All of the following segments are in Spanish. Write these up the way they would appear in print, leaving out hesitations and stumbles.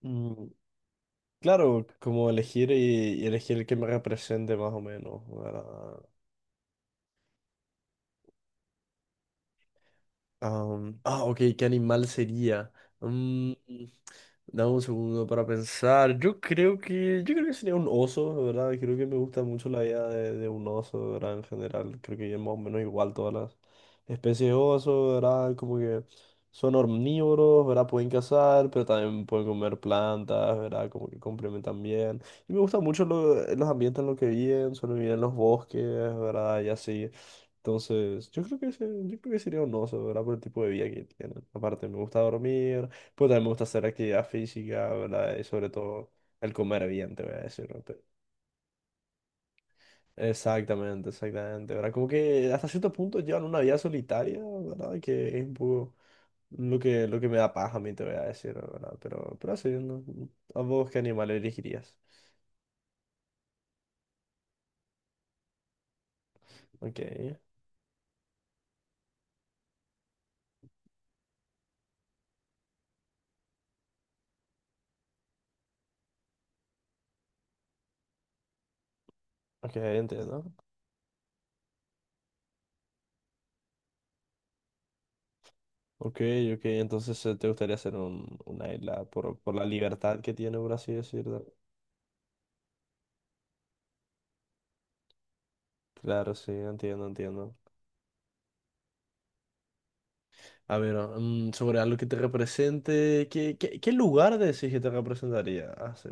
Mm, claro, como elegir y elegir el que me represente más o menos, ¿verdad? Ok, ¿qué animal sería? Mm, dame un segundo para pensar. Yo creo que sería un oso, la ¿verdad? Creo que me gusta mucho la idea de un oso, ¿verdad? En general, creo que es más o menos igual todas las especies de oso, ¿verdad? Como que son omnívoros, ¿verdad? Pueden cazar, pero también pueden comer plantas, ¿verdad? Como que complementan bien. Y me gusta mucho los ambientes en los que viven, solo viven en los bosques, ¿verdad? Y así. Entonces, yo creo que sería un oso, ¿verdad? Por el tipo de vida que tienen. Aparte, me gusta dormir, pues también me gusta hacer actividad física, ¿verdad? Y sobre todo el comer bien, te voy a decir, ¿no? Te- Exactamente, exactamente, ¿verdad? Como que hasta cierto punto llevan una vida solitaria, ¿verdad? Que es un poco lo que me da paja a mí, te voy a decir, ¿verdad? Pero así, ¿no? ¿A vos qué animal elegirías? Ok, ok, entiendo. Ok, ok, entonces te gustaría hacer una isla por la libertad que tiene, por así decirlo. Claro, sí, entiendo, entiendo. A ver, sobre algo que te represente, ¿qué lugar decís que te representaría? Ah, sí.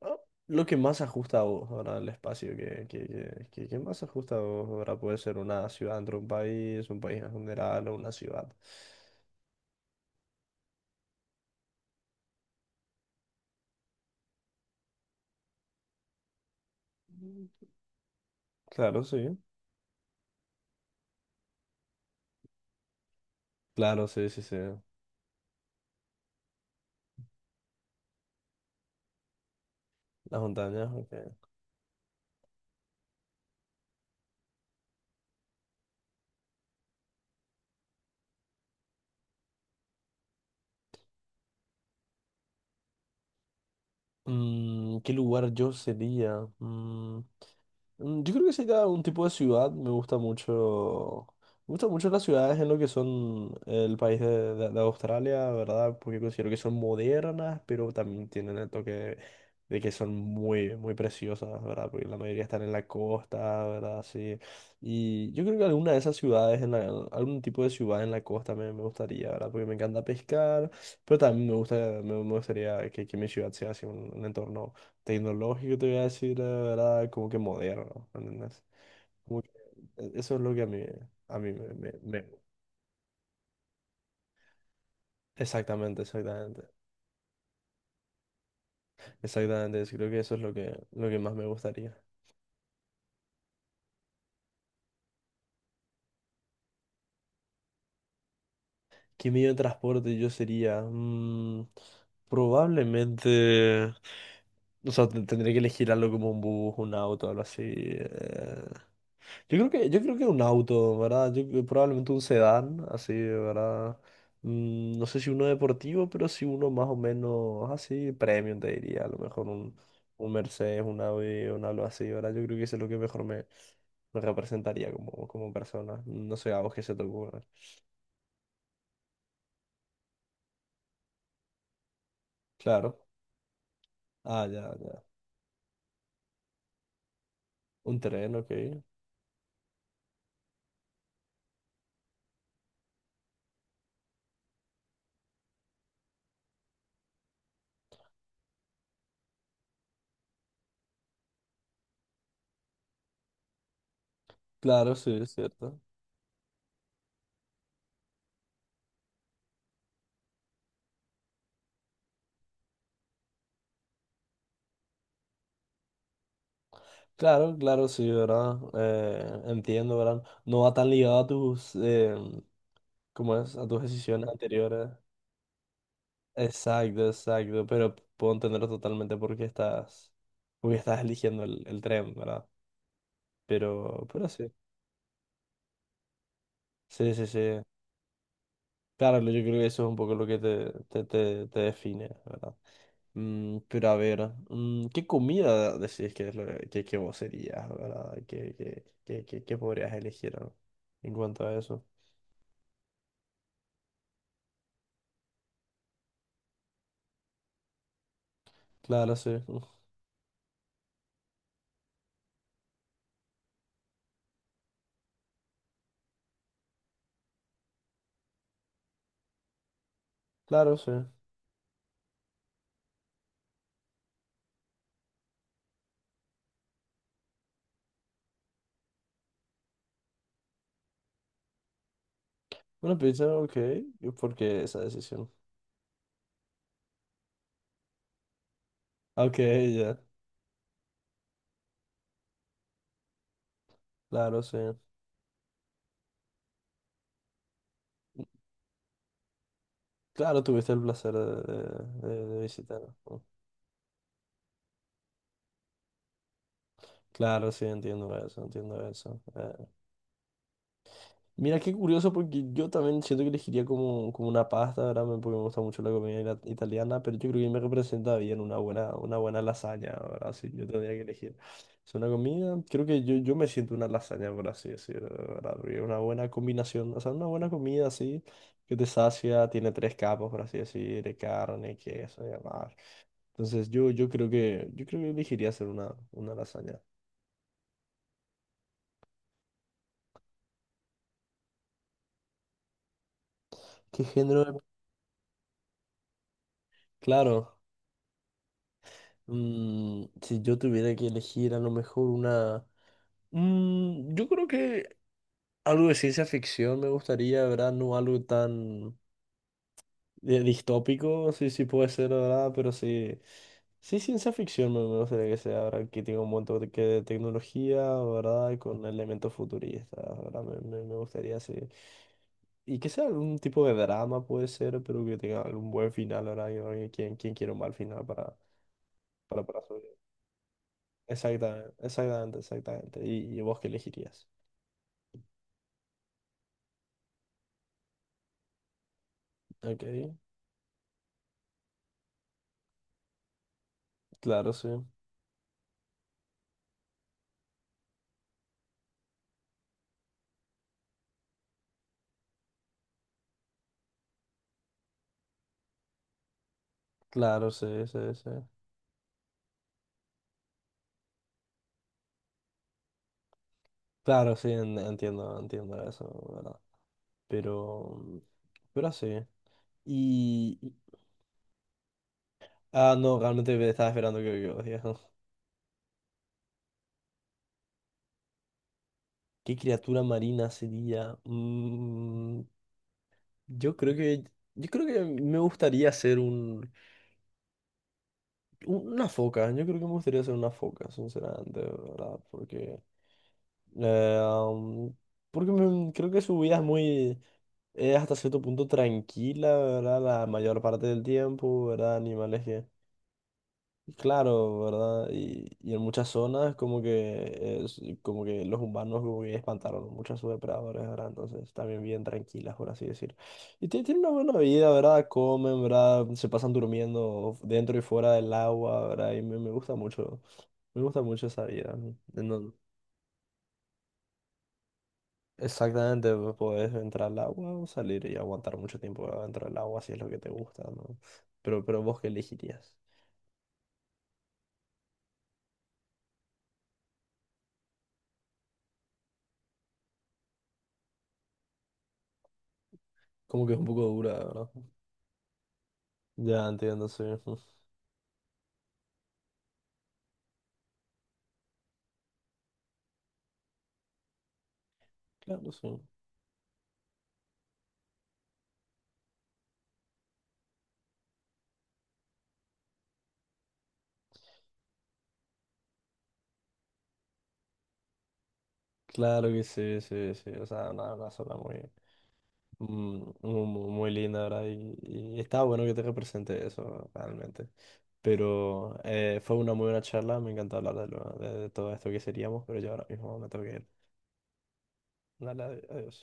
Ah, Lo que más ajusta a vos, ¿verdad? El espacio que más ajusta a vos, ¿verdad? Puede ser una ciudad dentro de un país en general o una ciudad. Claro, sí. Claro, sí, sí, sí. Las montañas, ok. ¿Qué lugar yo sería? Yo creo que sería un tipo de ciudad. Me gusta mucho. Me gustan mucho las ciudades en lo que son el país de Australia, ¿verdad? Porque considero que son modernas, pero también tienen el toque de que son muy, muy preciosas, ¿verdad? Porque la mayoría están en la costa, ¿verdad? Sí. Y yo creo que alguna de esas ciudades, algún tipo de ciudad en la costa me gustaría, ¿verdad? Porque me encanta pescar, pero también me gusta, me gustaría que mi ciudad sea así un entorno tecnológico, te voy a decir era como que moderno, ¿entendés? Como que eso es lo que a mí me. Exactamente, exactamente. Exactamente, creo que eso es lo que más me gustaría. ¿Qué medio de transporte yo sería? Probablemente... O sea, tendría que elegir algo como un bus, un auto, algo así. Yo creo que un auto, ¿verdad? Probablemente un sedán, así, ¿verdad? No sé si uno deportivo, pero sí uno más o menos así, premium, te diría. A lo mejor un Mercedes, un Audi, un algo así, ¿verdad? Yo creo que eso es lo que mejor me representaría como, como persona. No sé a vos qué se te ocurre. Claro. Ya, ya. Un tren, ok. Claro, sí, es cierto. Claro, claro, sí, ¿verdad? Entiendo, ¿verdad? No va tan ligado a tus, ¿cómo es? A tus decisiones anteriores. Exacto, exacto, pero puedo entenderlo totalmente porque estás eligiendo el tren, ¿verdad? Pero sí, sí, sí, sí. Claro, yo creo que eso es un poco lo que te define, ¿verdad? Pero a ver, ¿qué comida decís que, es lo que vos serías, ¿verdad? ¿Qué podrías elegir ¿no? en cuanto a eso? Claro, sí, claro, sí. Una pizza, ok, ¿y ¿por qué esa decisión? Ok, ya, claro, sí. Claro, tuviste el placer de, de visitar. ¿No? Claro, sí, entiendo eso, entiendo eso. Mira, qué curioso porque yo también siento que elegiría como, como una pasta, ¿verdad? Me- Porque me gusta mucho la comida italiana, pero yo creo que me representa bien una buena lasaña, ¿verdad? Sí, yo tendría que elegir. Es una comida, creo que yo me siento una lasaña, por así decirlo, ¿verdad? Porque es una buena combinación, o sea, una buena comida así, que te sacia, tiene tres capas, por así decir, de carne, queso y demás. Entonces yo creo que elegiría hacer una lasaña. ¿Qué género? De- Claro, si yo tuviera que elegir a lo mejor una... yo creo que algo de ciencia ficción me gustaría, ¿verdad? No algo tan distópico, sí, sí puede ser, ¿verdad? Pero sí, sí ciencia ficción me gustaría que sea, ¿verdad? Que tenga un montón de, que de tecnología, ¿verdad? Y con elementos futuristas, ¿verdad? Me gustaría, sí. Y que sea algún tipo de drama puede ser, pero que tenga algún buen final ahora. Yo creo que ¿quién quiere un mal final para, para su vida? Exactamente, exactamente, exactamente. Y vos qué elegirías? Ok, claro, sí. Claro, sí, sí, sí. Claro, sí, entiendo, entiendo eso, ¿verdad? Pero, pero así. Y- ah, no, realmente me estaba esperando que vos digas, ¿no? ¿Qué criatura marina sería? Yo creo que, yo creo que me gustaría ser un Una foca, yo creo que me gustaría ser una foca, sinceramente, ¿verdad? Porque, eh, am, porque me- creo que su vida es muy, es hasta cierto punto tranquila, ¿verdad? La mayor parte del tiempo, ¿verdad? Animales que Claro, ¿verdad? Y en muchas zonas como que como que los humanos como que espantaron muchas a sus depredadores, ¿verdad? Entonces también bien tranquilas, por así decir. Y tienen una buena vida, ¿verdad? Comen, ¿verdad? Se pasan durmiendo dentro y fuera del agua, ¿verdad? Y me gusta mucho esa vida. ¿No? En donde exactamente vos podés entrar al agua o salir y aguantar mucho tiempo, dentro del agua si es lo que te gusta, ¿no? Pero vos qué elegirías. Como que es un poco dura, ¿verdad? Ya entiendo, sí. Claro, sí. Claro que sí, sí, sí. O sea, una zona muy, muy, muy muy linda, ¿verdad? Y está bueno que te represente eso, realmente. Pero fue una muy buena charla, me encantó hablar de, de todo esto que seríamos, pero yo ahora mismo me tengo que ir. Dale, adiós.